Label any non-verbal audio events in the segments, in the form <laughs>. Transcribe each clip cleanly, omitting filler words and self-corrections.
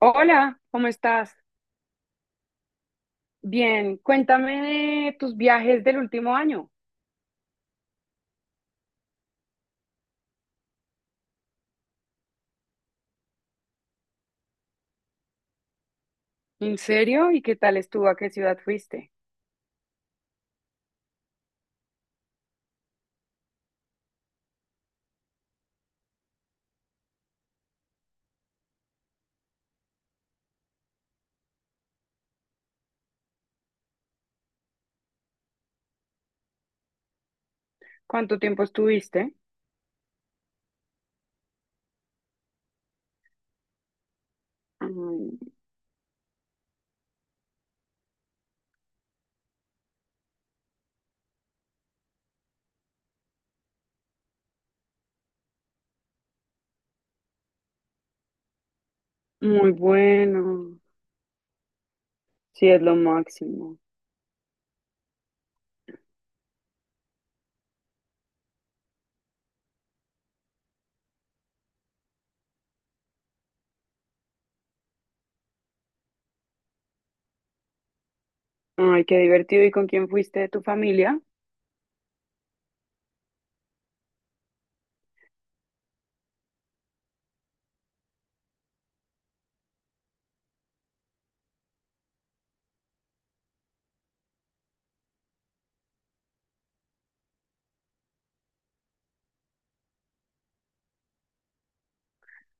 Hola, ¿cómo estás? Bien, cuéntame de tus viajes del último año. ¿En serio? ¿Y qué tal estuvo? ¿A qué ciudad fuiste? ¿Cuánto tiempo estuviste? Mm, muy bueno. Sí, es lo máximo. Ay, qué divertido. ¿Y con quién fuiste de tu familia?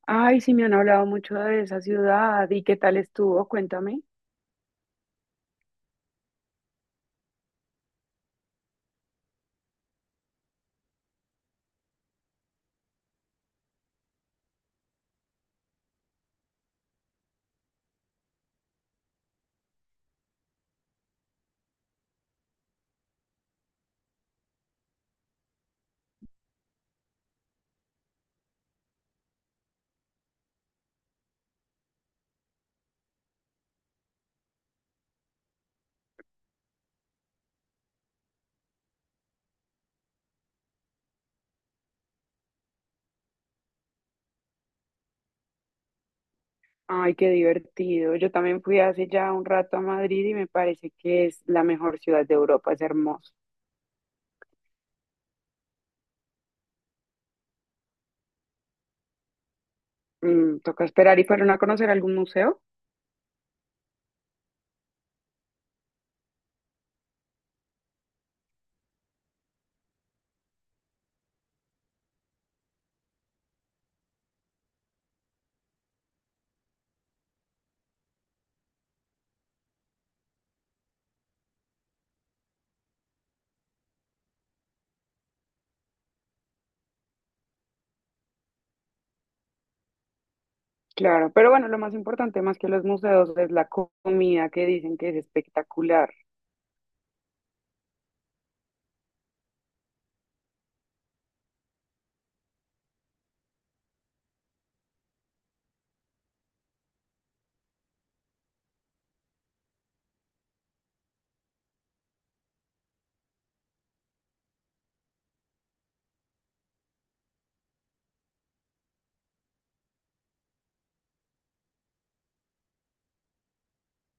Ay, sí, me han hablado mucho de esa ciudad. ¿Y qué tal estuvo? Cuéntame. Ay, qué divertido. Yo también fui hace ya un rato a Madrid y me parece que es la mejor ciudad de Europa. Es hermoso. Toca esperar y fueron a conocer algún museo. Claro, pero bueno, lo más importante más que los museos es la comida que dicen que es espectacular.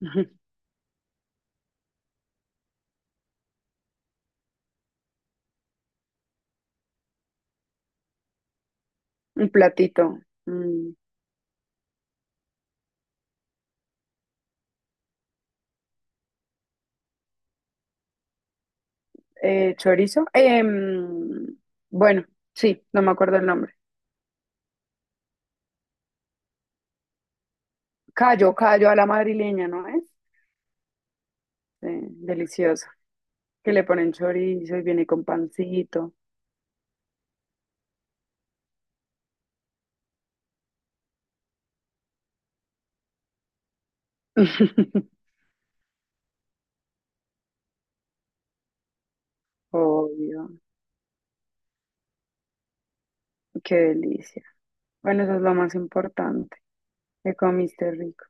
<laughs> Ujú. Un platito. mm, Chorizo. Bueno, sí, no me acuerdo el nombre. Callo, callo a la madrileña, ¿no es? Delicioso. Que le ponen chorizo y viene con pancito. <laughs> Obvio, qué delicia. Bueno, eso es lo más importante. Que comiste rico.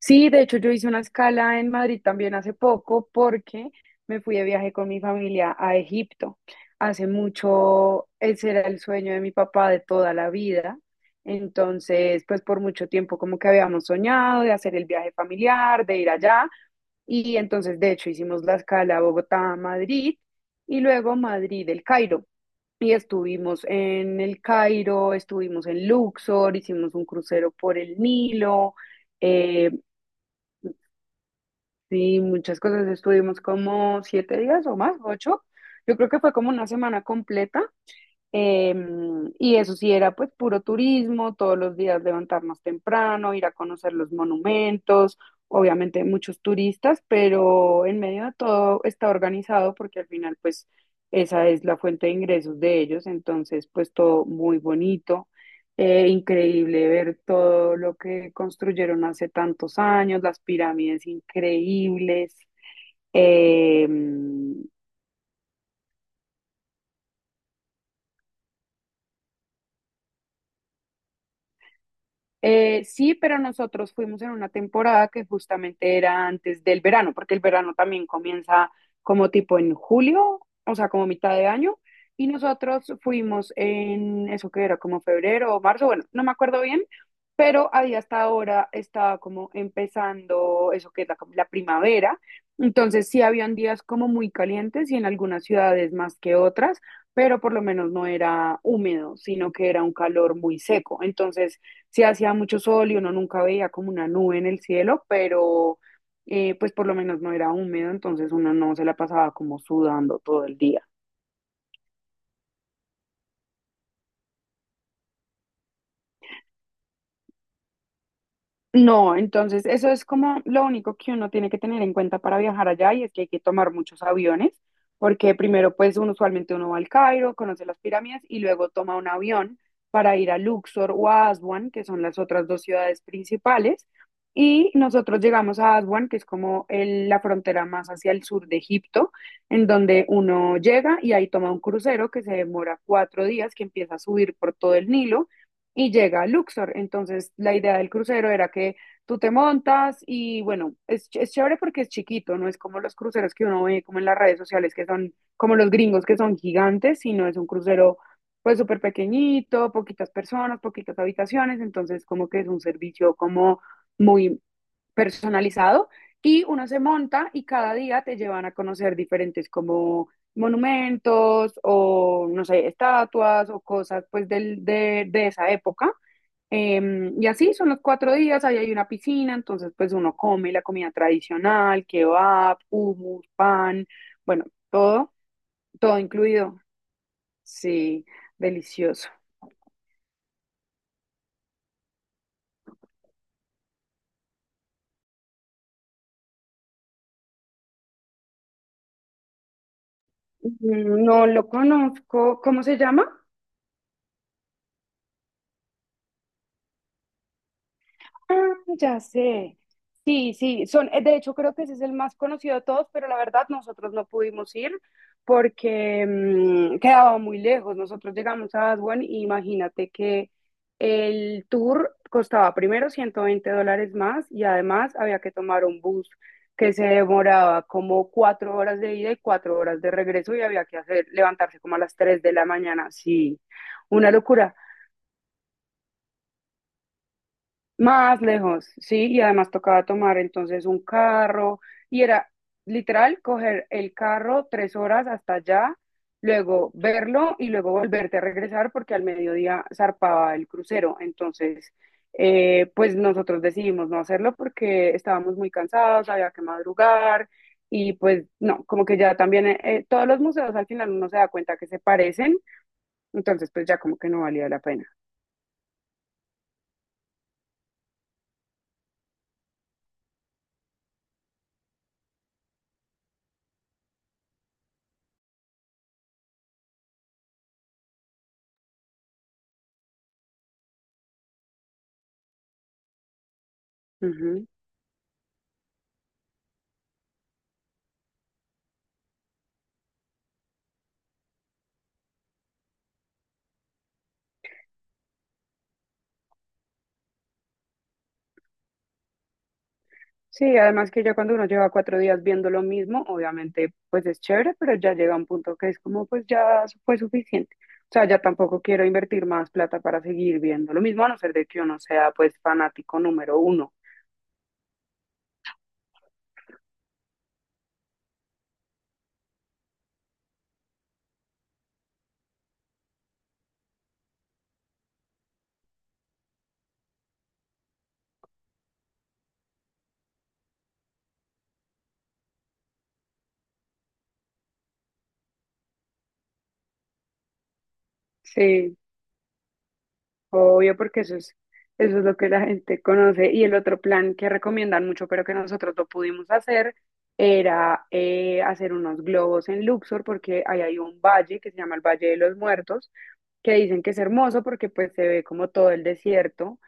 Sí, de hecho yo hice una escala en Madrid también hace poco porque me fui de viaje con mi familia a Egipto. Hace mucho, ese era el sueño de mi papá de toda la vida. Entonces, pues por mucho tiempo como que habíamos soñado de hacer el viaje familiar, de ir allá. Y entonces, de hecho, hicimos la escala Bogotá-Madrid y luego Madrid-El Cairo. Y estuvimos en El Cairo, estuvimos en Luxor, hicimos un crucero por el Nilo. eh, Sí, muchas cosas. Estuvimos como 7 días o más, 8. Yo creo que fue como una semana completa eh, y eso sí era pues puro turismo, todos los días levantarnos temprano, ir a conocer los monumentos, obviamente muchos turistas, pero en medio de todo está organizado porque al final pues esa es la fuente de ingresos de ellos, entonces pues todo muy bonito, increíble ver todo lo que construyeron hace tantos años, las pirámides increíbles. Eh, sí, pero nosotros fuimos en una temporada que justamente era antes del verano, porque el verano también comienza como tipo en julio, o sea, como mitad de año, y nosotros fuimos en eso que era como febrero o marzo, bueno, no me acuerdo bien, pero ahí hasta ahora estaba como empezando eso que es la primavera, entonces sí habían días como muy calientes y en algunas ciudades más que otras, pero por lo menos no era húmedo, sino que era un calor muy seco, entonces sí hacía mucho sol y uno nunca veía como una nube en el cielo, pero pues por lo menos no era húmedo, entonces uno no se la pasaba como sudando todo el día. No, entonces eso es como lo único que uno tiene que tener en cuenta para viajar allá y es que hay que tomar muchos aviones, porque primero pues uno usualmente uno va al Cairo, conoce las pirámides y luego toma un avión para ir a Luxor o a Aswan, que son las otras 2 ciudades principales, y nosotros llegamos a Aswan, que es como la frontera más hacia el sur de Egipto, en donde uno llega y ahí toma un crucero que se demora 4 días, que empieza a subir por todo el Nilo y llega a Luxor. Entonces, la idea del crucero era que tú te montas y bueno, es chévere porque es chiquito, no es como los cruceros que uno ve como en las redes sociales, que son como los gringos que son gigantes, sino es un crucero pues súper pequeñito, poquitas personas, poquitas habitaciones, entonces como que es un servicio como muy personalizado y uno se monta y cada día te llevan a conocer diferentes como monumentos o, no sé, estatuas o cosas pues de esa época. Y así son los 4 días, ahí hay una piscina, entonces pues uno come la comida tradicional, kebab, hummus, pan, bueno, todo, todo incluido. Sí, delicioso. No lo conozco, ¿cómo se llama? Ah, ya sé. Sí, sí, son, de hecho creo que ese es el más conocido de todos, pero la verdad nosotros no pudimos ir porque quedaba muy lejos. Nosotros llegamos a Aswan y imagínate que el tour costaba primero 120 dólares más y además había que tomar un bus que se demoraba como 4 horas de ida y 4 horas de regreso y había que hacer, levantarse como a las 3 de la mañana. Sí, una locura. Más lejos, sí, y además tocaba tomar entonces un carro y era literal coger el carro 3 horas hasta allá, luego verlo y luego volverte a regresar porque al mediodía zarpaba el crucero. Entonces, pues nosotros decidimos no hacerlo porque estábamos muy cansados, había que madrugar y pues no, como que ya también todos los museos al final uno se da cuenta que se parecen entonces, pues ya como que no valía la pena. Ujú. Sí, además que ya cuando uno lleva 4 días viendo lo mismo, obviamente pues es chévere, pero ya llega un punto que es como pues ya fue suficiente. O sea, ya tampoco quiero invertir más plata para seguir viendo lo mismo, a no ser de que uno sea pues fanático número uno. Sí, obvio, porque eso es, lo que la gente conoce. Y el otro plan que recomiendan mucho, pero que nosotros no pudimos hacer, era hacer unos globos en Luxor, porque ahí hay un valle que se llama el Valle de los Muertos, que dicen que es hermoso porque pues se ve como todo el desierto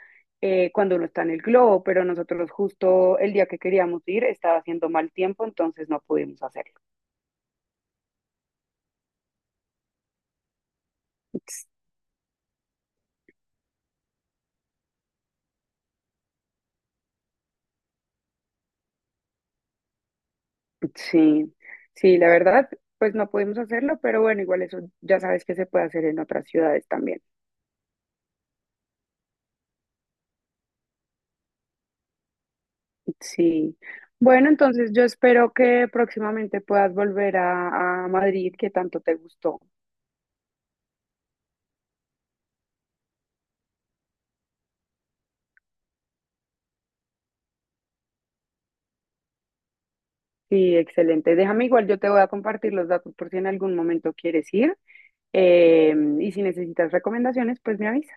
cuando uno está en el globo, pero nosotros justo el día que queríamos ir estaba haciendo mal tiempo, entonces no pudimos hacerlo. Sí, sí, la verdad, pues no pudimos hacerlo, pero bueno, igual eso ya sabes que se puede hacer en otras ciudades también. Sí. Bueno, entonces yo espero que próximamente puedas volver a, Madrid, que tanto te gustó. Sí, excelente. Déjame igual, yo te voy a compartir los datos por si en algún momento quieres ir. Eh, y si necesitas recomendaciones, pues me avisas.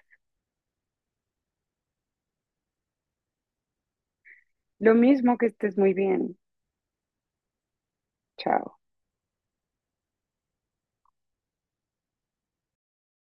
Lo mismo, que estés muy bien. Chao.